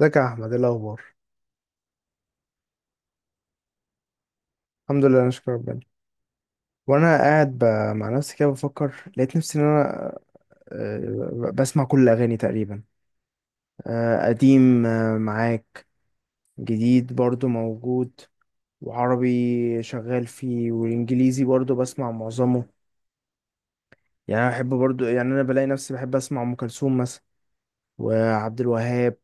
ازيك يا احمد؟ ايه الاخبار؟ الحمد لله، انا شكرا ربنا. وانا قاعد مع نفسي كده بفكر، لقيت نفسي ان انا بسمع كل الاغاني تقريبا. قديم، معاك، جديد برضو موجود. وعربي شغال فيه، والانجليزي برضو بسمع معظمه. يعني انا بحب برضو، يعني انا بلاقي نفسي بحب اسمع ام كلثوم مثلا، وعبد الوهاب،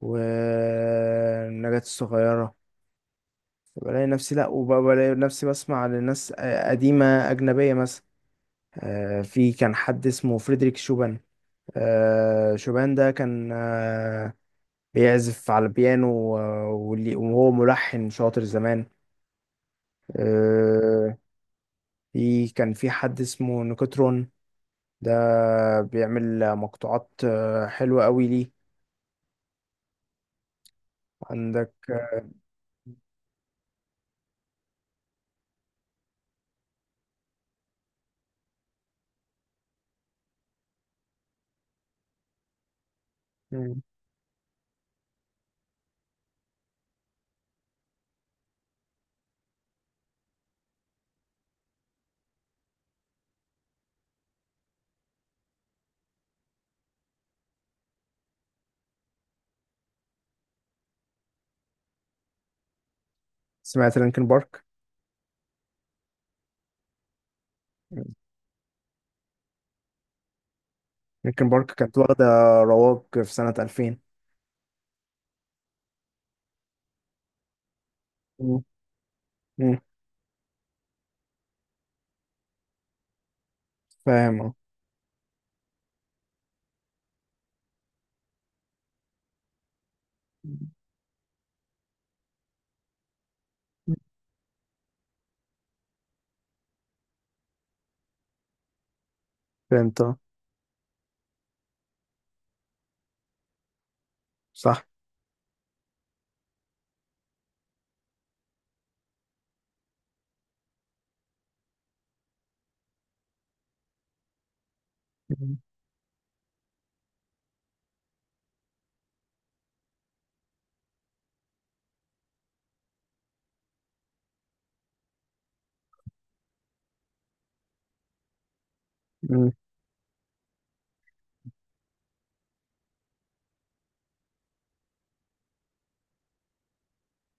ونجاة الصغيرة. بلاقي نفسي، لا، وبلاقي نفسي بسمع لناس قديمة أجنبية مثلا. في كان حد اسمه فريدريك شوبان. شوبان ده كان بيعزف على البيانو. وهو ملحن شاطر زمان. آه، كان في حد اسمه نيكوترون. ده بيعمل مقطوعات حلوة قوي. ليه عندك؟ مم. سمعت لينكن بارك. لينكن بارك كانت واخدة رواج في سنة 2000. مم. مم. فاهم، اه. فهمت، اه. صح. مم.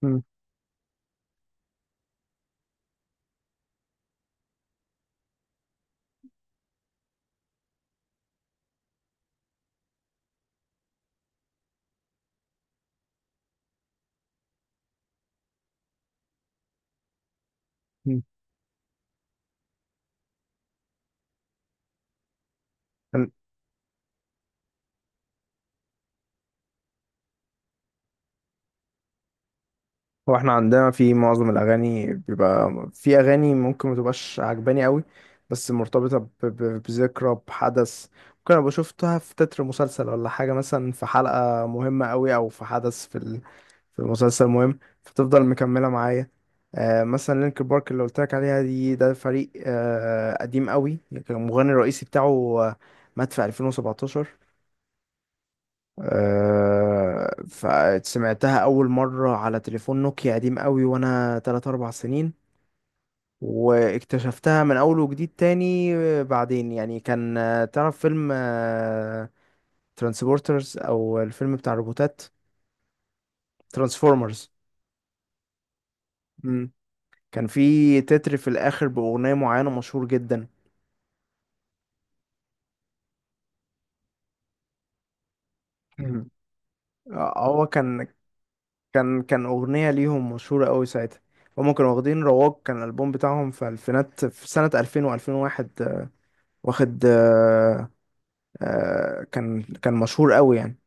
مم. مم. هو احنا عندنا في معظم الاغاني بيبقى في اغاني ممكن ما تبقاش عجباني قوي، بس مرتبطه بذكرى، بحدث. ممكن ابقى شفتها في تتر مسلسل ولا حاجه، مثلا في حلقه مهمه قوي او في حدث في في مسلسل مهم، فتفضل مكمله معايا. آه، مثلا لينك بارك اللي قلت لك عليها دي، ده فريق آه قديم قوي. كان المغني الرئيسي بتاعه مات في 2017. فسمعتها أول مرة على تليفون نوكيا قديم قوي وأنا تلات أربع سنين، واكتشفتها من أول وجديد تاني. بعدين يعني كان تعرف فيلم ترانسبورترز، أو الفيلم بتاع الروبوتات، ترانسفورمرز. مم. كان في تتر في الآخر بأغنية معينة مشهور جدا. مم. هو كان كان أغنية ليهم مشهورة قوي ساعتها. هما كانوا واخدين رواج، كان الألبوم بتاعهم في ألفينات، في سنة 2000 و2001، واخد كان مشهور قوي يعني.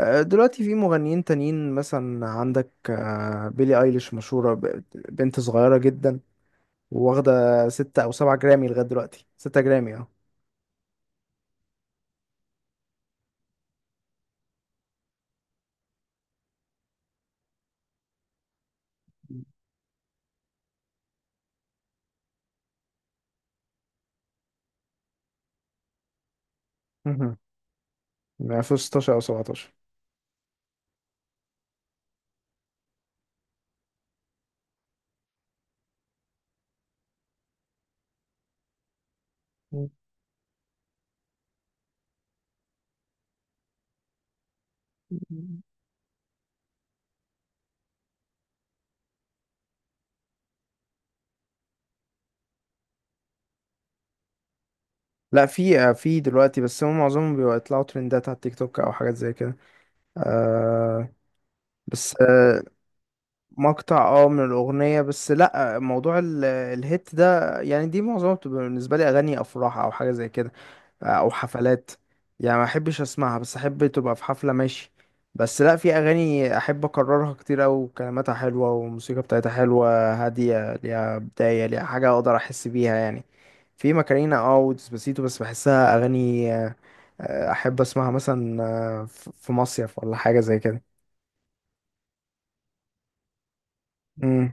دلوقتي في مغنيين تانيين مثلا. عندك بيلي ايليش، مشهورة، بنت صغيرة جدا، واخدة ستة أو سبعة جرامي لغاية دلوقتي. ستة جرامي، اه. مهم. من 2016 أو 17. لا، في في دلوقتي، بس هم معظمهم بيطلعوا ترندات على التيك توك أو حاجات زي كده. آه، بس آه، مقطع اه من الأغنية، بس لأ، موضوع الهيت ده، يعني دي معظمها بتبقى بالنسبة لي أغاني أفراح أو حاجة زي كده، أو حفلات. يعني ما أحبش أسمعها، بس أحب تبقى في حفلة، ماشي. بس لأ في أغاني أحب أكررها كتير أوي، كلماتها حلوة والموسيقى بتاعتها حلوة هادية، ليها بداية، ليها حاجة أقدر أحس بيها يعني. في ماكارينا اه وديسباسيتو، بس بحسها أغاني أحب أسمعها مثلا في مصيف ولا حاجة زي كده. مم.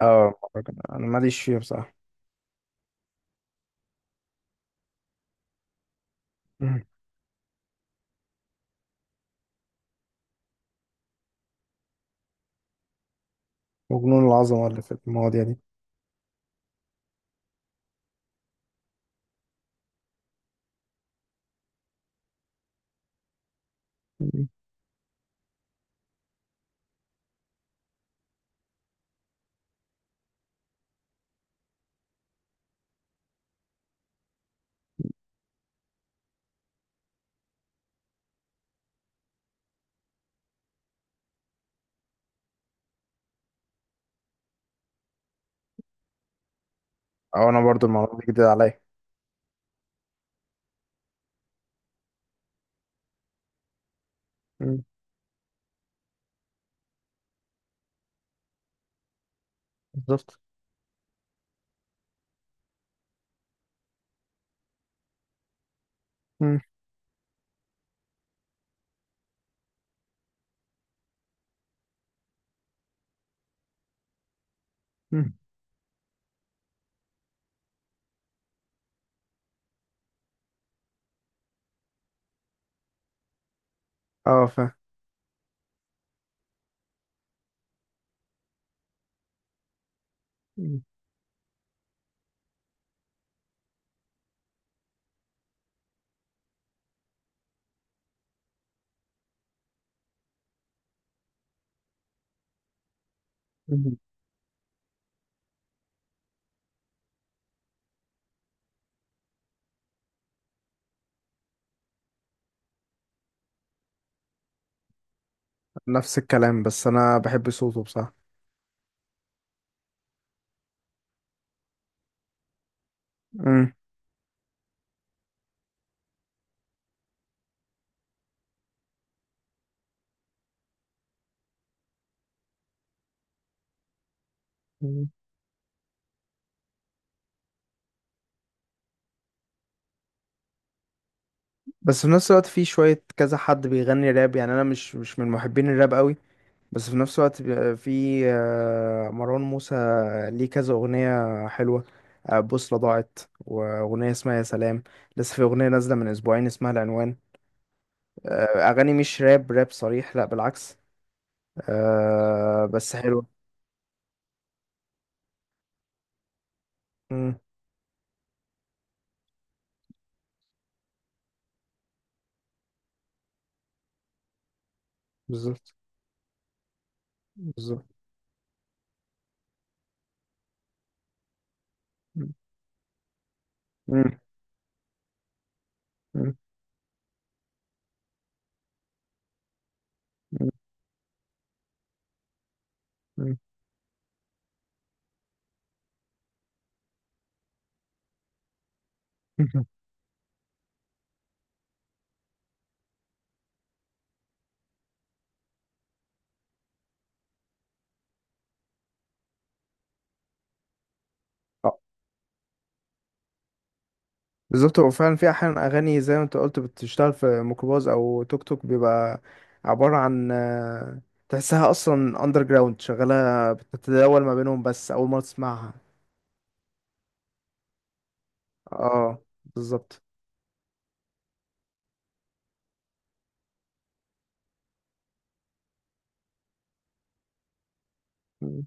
اه، مهرجان. أنا ماليش فيه بصراحة. مم. وجنون العظمة اللي في المواضيع دي. مم. او انا برضو المعلومه دي جديده عليا. مم. بالظبط. مم. مم. اه، فاهم. مم. مم. نفس الكلام، بس انا بحب صوته بصراحه. مم. مم. بس في نفس الوقت في شويه كذا حد بيغني راب، يعني انا مش من محبين الراب قوي. بس في نفس الوقت في مروان موسى، ليه كذا اغنيه حلوه. بوصله ضاعت، واغنيه اسمها يا سلام. لسه في اغنيه نازله من اسبوعين اسمها العنوان. اغاني مش راب راب صريح، لا بالعكس، بس حلوه. مم. بالظبط. بالظبط. مم. مم. مم. مم. مم. آه، بالظبط، هو فعلا في احيانا اغاني زي ما انت قلت بتشتغل في ميكروباص او توك توك، بيبقى عباره عن تحسها اصلا اندر جراوند شغاله بتتداول ما بينهم، بس اول مره تسمعها. اه، بالظبط. مم.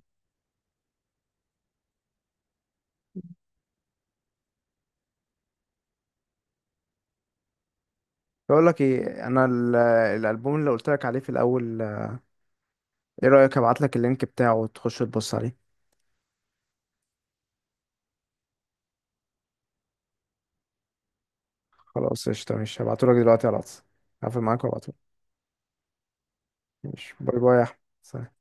بقول لك ايه، انا الالبوم اللي قلت لك عليه في الاول، ايه رايك ابعت لك اللينك بتاعه وتخش تبص عليه؟ خلاص، قشطة، ماشي. هبعتهولك دلوقتي على الواتس. هقفل معاك وابعتهولك. ماشي، باي باي يا أحمد، سلام.